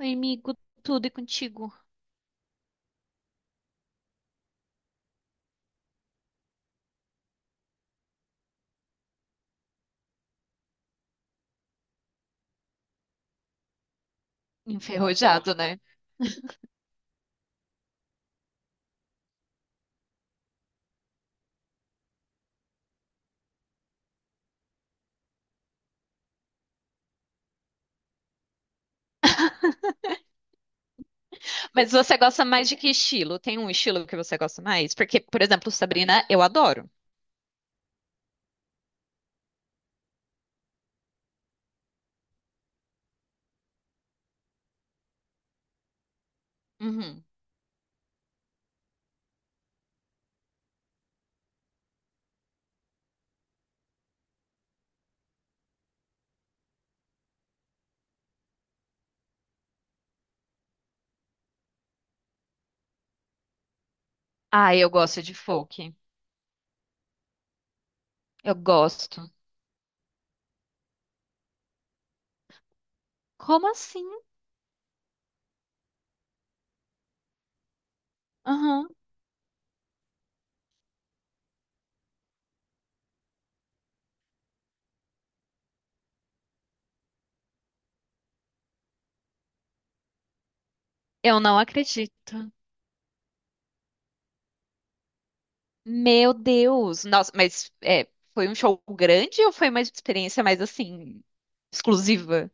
Oi, amigo, tudo e contigo? Enferrujado, né? Mas você gosta mais de que estilo? Tem um estilo que você gosta mais? Porque, por exemplo, Sabrina, eu adoro. Uhum. Ah, eu gosto de folk. Eu gosto. Como assim? Uhum. Eu não acredito. Meu Deus. Nossa, mas é, foi um show grande ou foi uma experiência mais assim, exclusiva?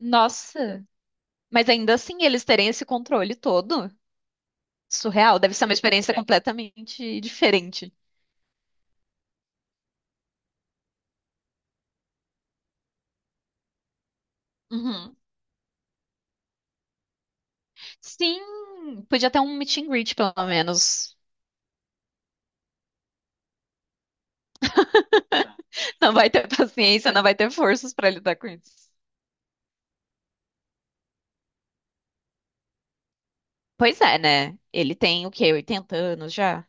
Nossa. Mas ainda assim, eles terem esse controle todo. Surreal. Deve ser uma experiência completamente diferente. Uhum. Sim, podia ter um meet and greet, pelo menos. Não vai ter paciência, não vai ter forças pra lidar com isso. Pois é, né? Ele tem o quê? 80 anos já?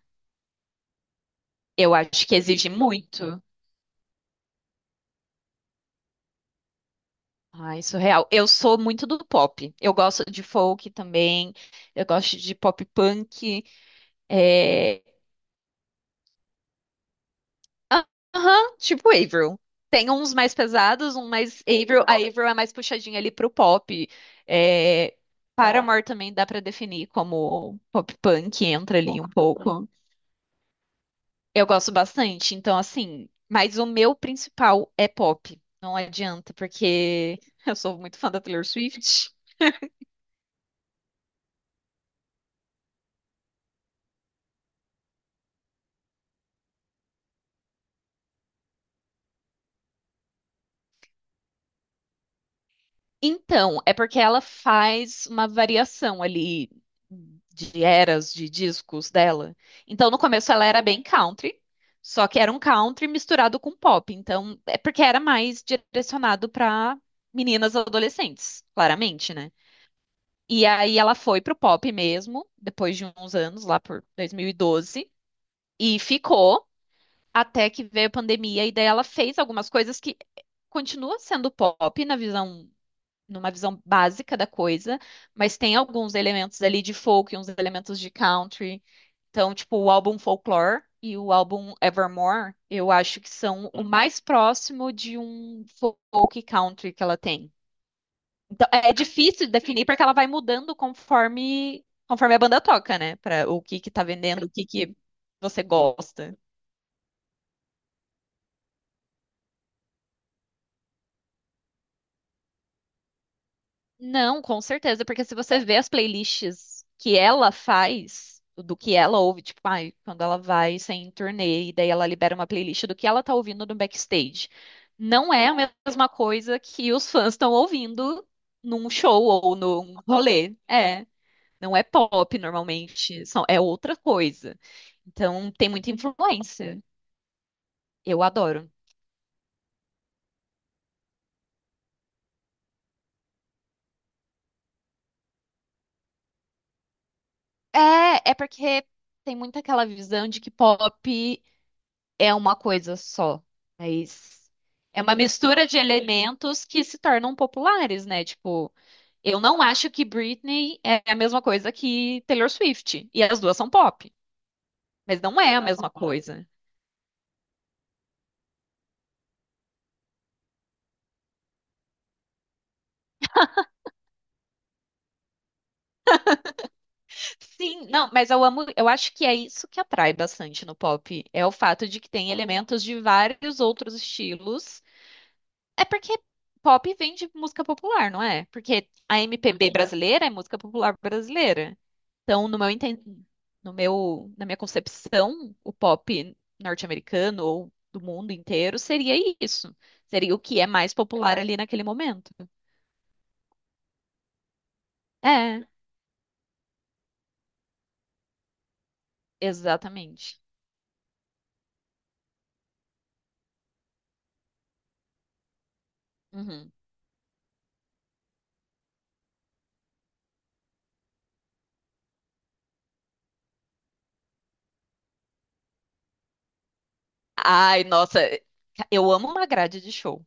Eu acho que exige muito. Ai, surreal. Eu sou muito do pop. Eu gosto de folk também. Eu gosto de pop punk. É. Ah, aham, tipo Avril. Tem uns mais pesados, um mais Avril. A Avril é mais puxadinha ali pro pop. É, Paramore também dá pra definir como pop punk, entra ali um pouco. Eu gosto bastante, então assim, mas o meu principal é pop. Não adianta, porque eu sou muito fã da Taylor Swift. Então, é porque ela faz uma variação ali de eras de discos dela. Então, no começo ela era bem country, só que era um country misturado com pop. Então, é porque era mais direcionado para meninas adolescentes, claramente, né? E aí ela foi pro pop mesmo, depois de uns anos, lá por 2012, e ficou até que veio a pandemia e daí ela fez algumas coisas que continua sendo pop na visão, numa visão básica da coisa, mas tem alguns elementos ali de folk e uns elementos de country. Então, tipo, o álbum Folklore e o álbum Evermore, eu acho que são o mais próximo de um folk country que ela tem. Então, é difícil de definir porque ela vai mudando conforme a banda toca, né? Para o que que tá vendendo, o que que você gosta. Não, com certeza, porque se você vê as playlists que ela faz, do que ela ouve, tipo, ai, quando ela vai sem turnê, e daí ela libera uma playlist do que ela tá ouvindo no backstage. Não é a mesma coisa que os fãs estão ouvindo num show ou num rolê. É, não é pop normalmente, é outra coisa. Então tem muita influência. Eu adoro. É porque tem muito aquela visão de que pop é uma coisa só, mas é uma mistura de elementos que se tornam populares, né? Tipo, eu não acho que Britney é a mesma coisa que Taylor Swift, e as duas são pop, mas não é a mesma coisa. Sim, não, mas eu amo, eu acho que é isso que atrai bastante no pop, é o fato de que tem elementos de vários outros estilos. É porque pop vem de música popular, não é? Porque a MPB brasileira é música popular brasileira. Então, no meu enten- no meu, na minha concepção, o pop norte-americano ou do mundo inteiro seria isso. Seria o que é mais popular ali naquele momento. É, exatamente. Uhum. Ai, nossa, eu amo uma grade de show,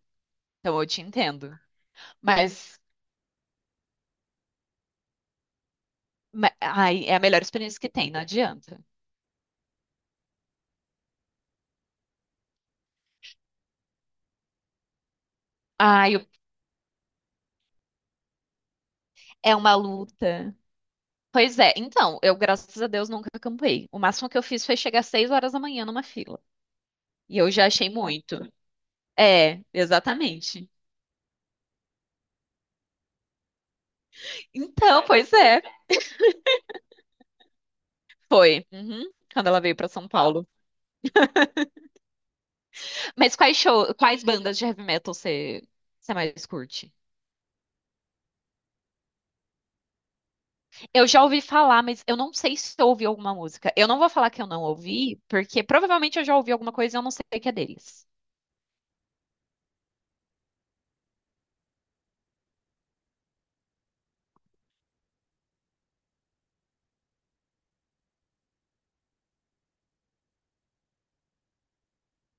então eu te entendo. Mas, Ai, é a melhor experiência que tem, não adianta. Ai, eu- É uma luta. Pois é, então, eu, graças a Deus, nunca acampei. O máximo que eu fiz foi chegar às 6 horas da manhã numa fila. E eu já achei muito. É, exatamente. Então, pois é, foi. Uhum, quando ela veio pra São Paulo. Mas quais show, quais bandas de heavy metal você mais curte? Eu já ouvi falar, mas eu não sei se eu ouvi alguma música. Eu não vou falar que eu não ouvi, porque provavelmente eu já ouvi alguma coisa e eu não sei o que é deles.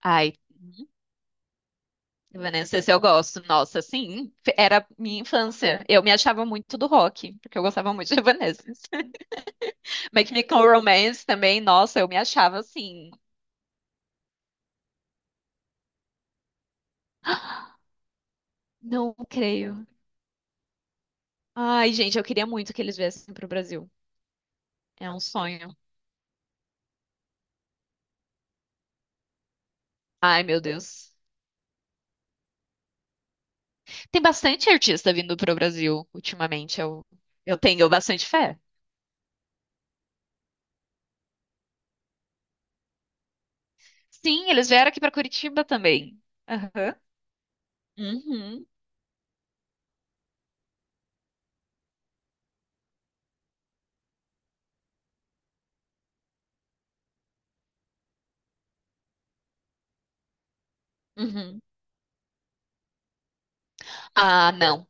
Ai. Evanescence eu gosto. Nossa, sim, era minha infância. Eu me achava muito do rock, porque eu gostava muito de Evanescence. My Chemical Romance também, nossa, eu me achava assim. Não creio. Ai, gente, eu queria muito que eles viessem pro Brasil. É um sonho. Ai, meu Deus. Tem bastante artista vindo pro Brasil ultimamente. Eu tenho bastante fé. Sim, eles vieram aqui pra Curitiba também. Aham. Uhum. Uhum. Ah, não.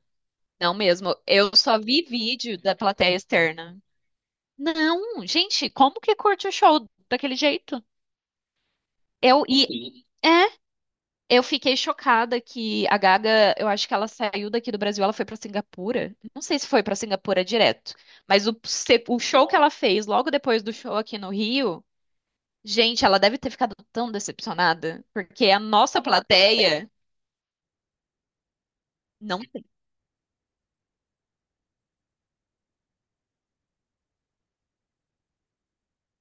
Não mesmo. Eu só vi vídeo da plateia externa. Não, gente, como que curte o show daquele jeito? Eu e É, eu fiquei chocada que a Gaga, eu acho que ela saiu daqui do Brasil, ela foi pra Singapura. Não sei se foi pra Singapura direto, mas o, se- o show que ela fez logo depois do show aqui no Rio, gente, ela deve ter ficado tão decepcionada, porque a nossa plateia não,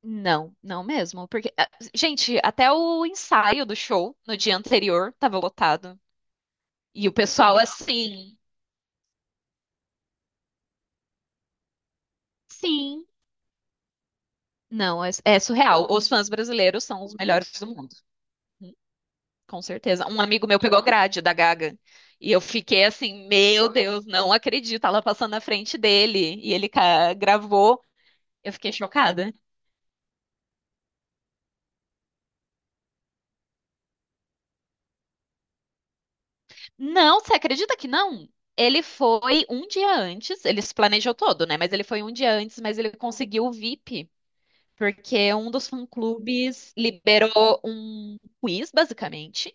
não, não mesmo, porque ah, gente, até o ensaio do show no dia anterior tava lotado e o pessoal assim, sim. Não, é, é surreal. Os fãs brasileiros são os melhores do mundo, com certeza. Um amigo meu pegou grade da Gaga e eu fiquei assim, meu Deus, não acredito. Ela passando na frente dele e gravou. Eu fiquei chocada. Não, você acredita que não? Ele foi um dia antes, ele se planejou todo, né? Mas ele foi um dia antes, mas ele conseguiu o VIP, porque um dos fã-clubes liberou um quiz, basicamente.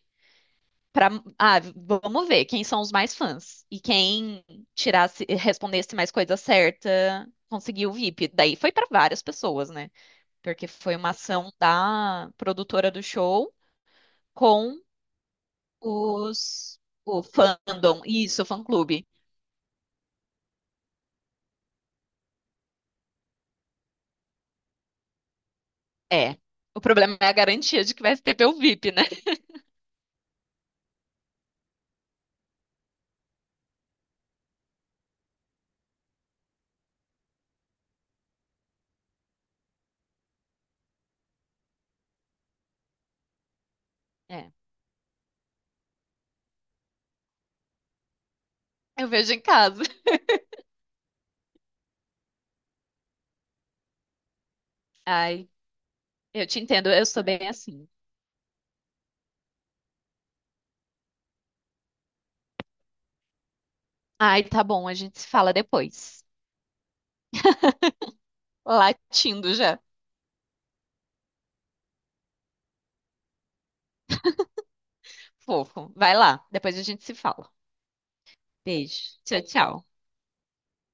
Pra, ah, vamos ver quem são os mais fãs. E quem tirasse, respondesse mais coisa certa, conseguiu o VIP. Daí foi para várias pessoas, né? Porque foi uma ação da produtora do show com os o fandom. Isso, o fã-clube. É. O problema é a garantia de que vai ter o VIP, né? É. Eu vejo em casa. Ai, eu te entendo, eu sou bem assim. Ai, tá bom, a gente se fala depois. Latindo já. Fofo. Vai lá, depois a gente se fala. Beijo. Tchau, tchau.